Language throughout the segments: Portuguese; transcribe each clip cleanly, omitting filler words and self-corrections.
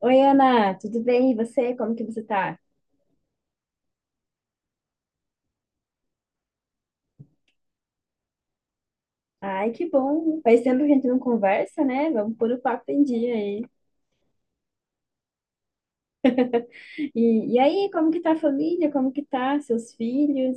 Oi, Ana, tudo bem? E você? Como que você tá? Ai, que bom. Faz tempo que a gente não conversa, né? Vamos pôr o papo em dia aí. E aí, como que tá a família? Como que tá seus filhos?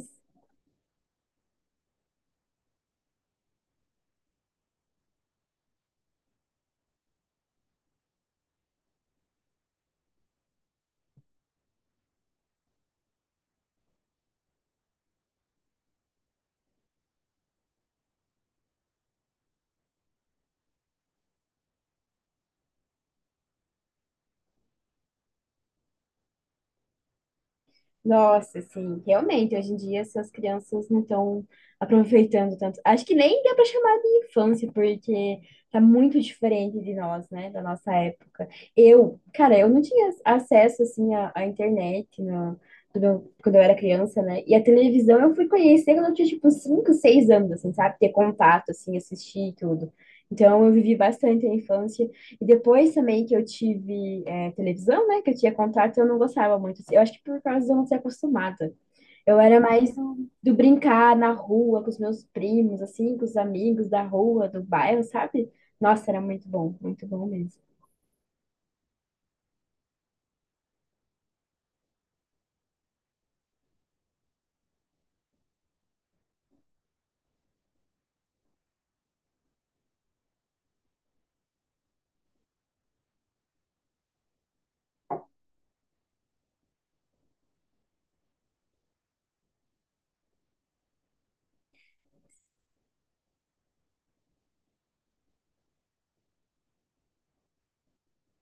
Nossa, sim, realmente, hoje em dia essas crianças não estão aproveitando tanto. Acho que nem dá para chamar de infância, porque tá muito diferente de nós, né, da nossa época. Eu, cara, eu não tinha acesso, assim, à internet no, quando eu era criança, né, e a televisão eu fui conhecer quando eu tinha, tipo, 5 6 anos, assim, sabe, ter contato, assim, assistir e tudo. Então, eu vivi bastante a infância. E depois também que eu tive é, televisão, né? Que eu tinha contato e eu não gostava muito. Assim. Eu acho que por causa de eu não ser acostumada. Eu era mais do brincar na rua com os meus primos, assim, com os amigos da rua, do bairro, sabe? Nossa, era muito bom mesmo.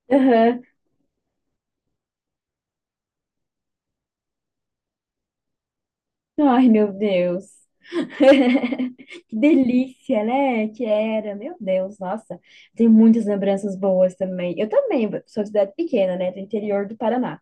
Aham. Ai, meu Deus. Que delícia, né? Que era, meu Deus, nossa, tem muitas lembranças boas também. Eu também sou de cidade pequena, né? Do interior do Paraná.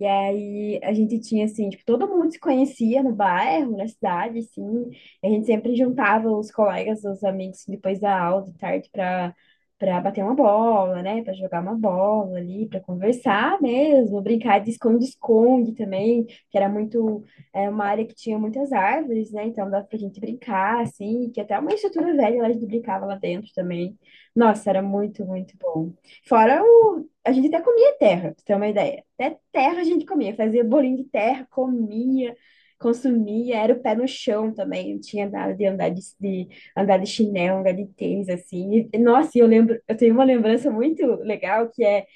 E aí a gente tinha assim, tipo, todo mundo se conhecia no bairro, na cidade, assim. A gente sempre juntava os colegas, os amigos assim, depois da aula de tarde para bater uma bola, né? Para jogar uma bola ali, para conversar mesmo, brincar de esconde-esconde também, que era muito é uma área que tinha muitas árvores, né? Então dava pra gente brincar assim, que até uma estrutura velha lá a gente brincava lá dentro também. Nossa, era muito, muito bom. Fora o a gente até comia terra, pra você ter uma ideia. Até terra a gente comia, fazia bolinho de terra, comia, consumia, era o pé no chão também, não tinha nada de andar de andar de chinelo, andar de tênis, assim. E, nossa, e eu lembro, eu tenho uma lembrança muito legal que é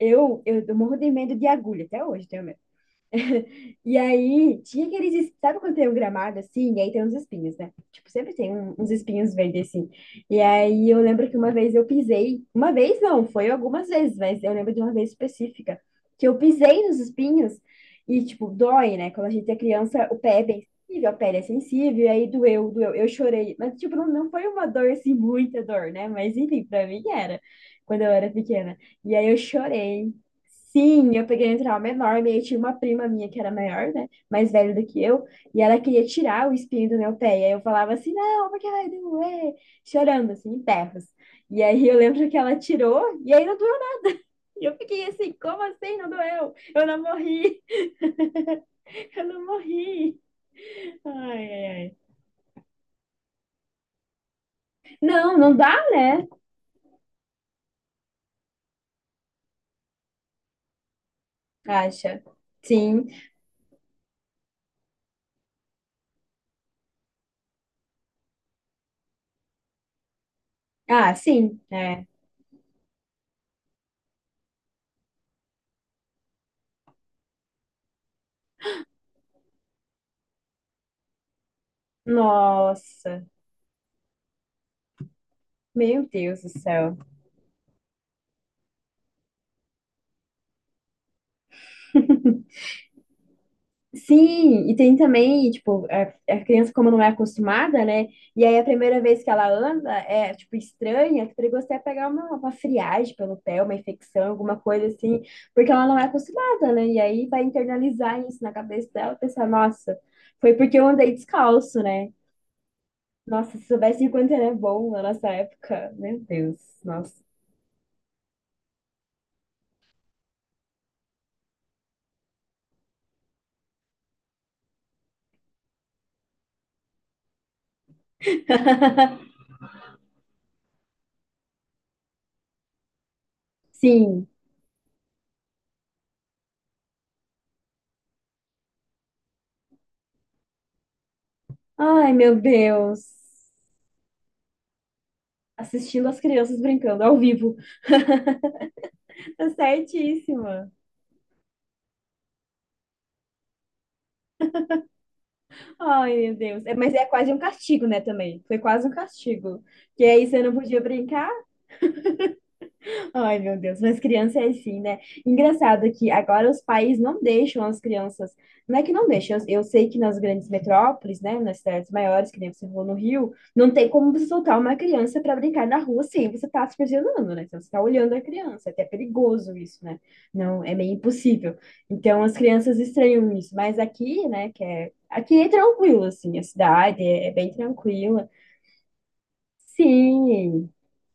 eu morro de medo de agulha, até hoje tenho e aí, tinha aqueles. Sabe quando tem um gramado assim? E aí tem uns espinhos, né? Tipo, sempre tem uns espinhos verdes assim. E aí, eu lembro que uma vez eu pisei. Uma vez não, foi algumas vezes, mas eu lembro de uma vez específica. Que eu pisei nos espinhos e, tipo, dói, né? Quando a gente é criança, o pé é bem sensível, a pele é sensível. E aí, doeu, doeu. Eu chorei. Mas, tipo, não, não foi uma dor assim, muita dor, né? Mas, enfim, pra mim era. Quando eu era pequena. E aí eu chorei, sim, eu peguei um trauma enorme. Aí tinha uma prima minha que era maior, né? Mais velha do que eu. E ela queria tirar o espinho do meu pé. E aí eu falava assim, não, porque vai doer. Chorando, assim, em berros. E aí eu lembro que ela tirou e aí não doeu nada. E eu fiquei assim, como assim não doeu? Eu não morri, eu não morri. Ai, ai, ai. Não, não dá, né? Acha? Sim. Ah, sim, é. Nossa, meu Deus do céu. Sim, e tem também, tipo, a criança como não é acostumada, né? E aí a primeira vez que ela anda é, tipo, estranha, que perigoso até pegar uma friagem pelo pé, uma infecção, alguma coisa assim, porque ela não é acostumada, né? E aí vai internalizar isso na cabeça dela, pensar, nossa, foi porque eu andei descalço, né? Nossa, se soubesse o quanto era bom na nossa época, meu Deus, nossa. Sim. Ai, meu Deus. Assistindo as crianças brincando ao vivo. Tá certíssima. Ai, meu Deus. É, mas é quase um castigo, né, também. Foi quase um castigo. Que aí você não podia brincar, ai, meu Deus, mas criança é assim, né? Engraçado que agora os pais não deixam as crianças. Não é que não deixam, eu sei que nas grandes metrópoles, né, nas cidades maiores, que nem você falou no Rio, não tem como você soltar uma criança para brincar na rua sem você estar tá supervisionando, né? Então, você tá olhando a criança, é até perigoso isso, né? Não, é meio impossível. Então, as crianças estranham isso, mas aqui, né, que é. Aqui é tranquilo, assim, a cidade é bem tranquila. Sim,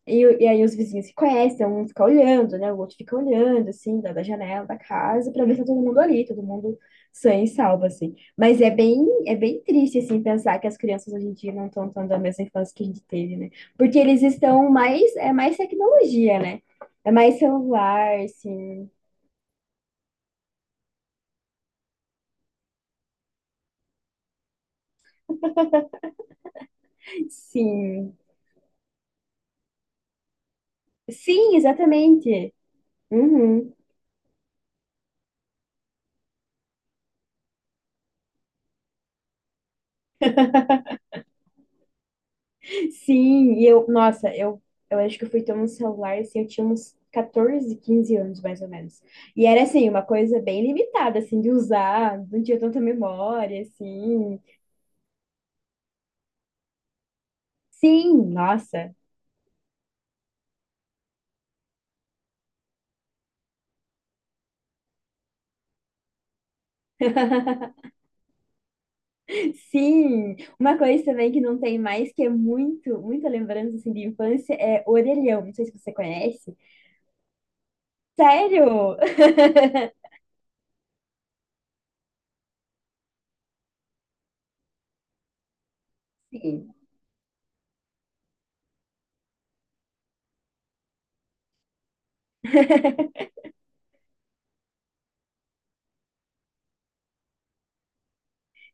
e aí os vizinhos se conhecem, um fica olhando, né? O outro fica olhando, assim, da janela da casa, pra ver se tá todo mundo ali, todo mundo sã e salvo, assim. Mas é bem triste, assim, pensar que as crianças hoje em dia não estão tendo a mesma infância que a gente teve, né? Porque eles estão mais, é mais tecnologia, né? É mais celular, assim. Sim. Sim, exatamente. Uhum. Sim, e eu, nossa, eu acho que eu fui ter um celular assim, eu tinha uns 14, 15 anos mais ou menos. E era assim, uma coisa bem limitada assim de usar, não tinha tanta memória assim. Sim, nossa. Sim, uma coisa também que não tem mais, que é muito, muita lembrança assim de infância, é orelhão. Não sei se você conhece. Sério? Sim.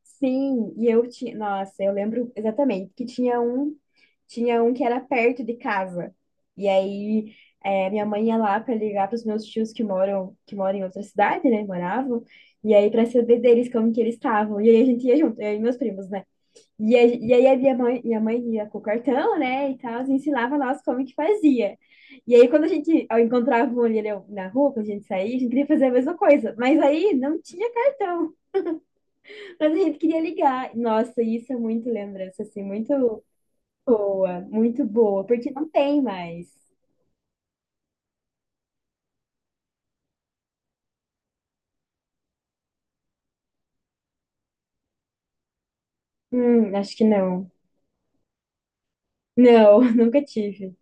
Sim, e eu tinha, nossa, eu lembro exatamente que tinha um que era perto de casa. E aí é, minha mãe ia lá para ligar para os meus tios que moram em outra cidade, né? Moravam. E aí para saber deles como que eles estavam. E aí a gente ia junto, eu e meus primos, né? E aí a minha mãe ia com o cartão, né? E tal, e ensinava nós como que fazia. E aí quando a gente ó, encontrava um ali né, na rua, quando a gente saía, a gente queria fazer a mesma coisa. Mas aí não tinha cartão. Mas a gente queria ligar. Nossa, isso é muito lembrança, assim, muito boa, porque não tem mais. Acho que não. Não, nunca tive.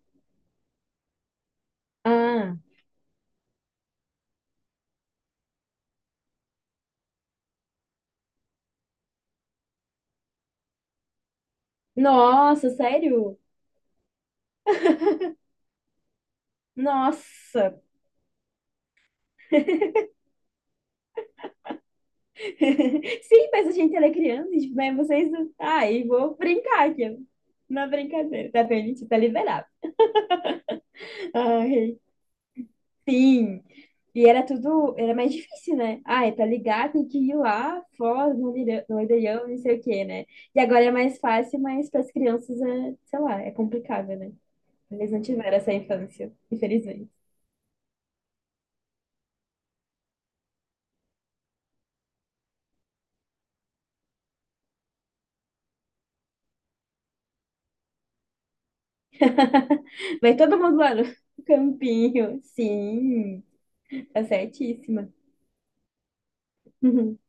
Ah, nossa, sério? Nossa! Sim, mas a gente era criança, tipo, mas vocês. Ai, vou brincar aqui. Na brincadeira, tá permitido, tá liberado. Ai, sim. E era tudo, era mais difícil, né? Ah, é pra ligar, tem que ir lá, Foz, Mandeirão, Mandeirão, não sei o quê, né? E agora é mais fácil, mas para as crianças é, sei lá, é complicado, né? Eles não tiveram essa infância, infelizmente. Vai todo mundo lá no campinho. Sim, tá certíssima. Uhum.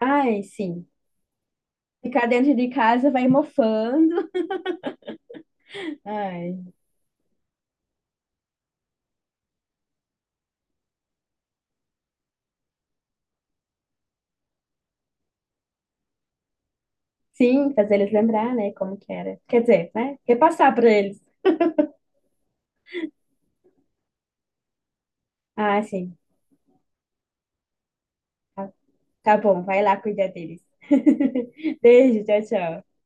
Ai, sim. Ficar dentro de casa vai mofando. Ai, sim, fazer eles lembrar, né, como que era. Quer dizer, né? Repassar para eles. Ah, sim. Tá bom, vai lá cuidar deles. Beijo, tchau, tchau.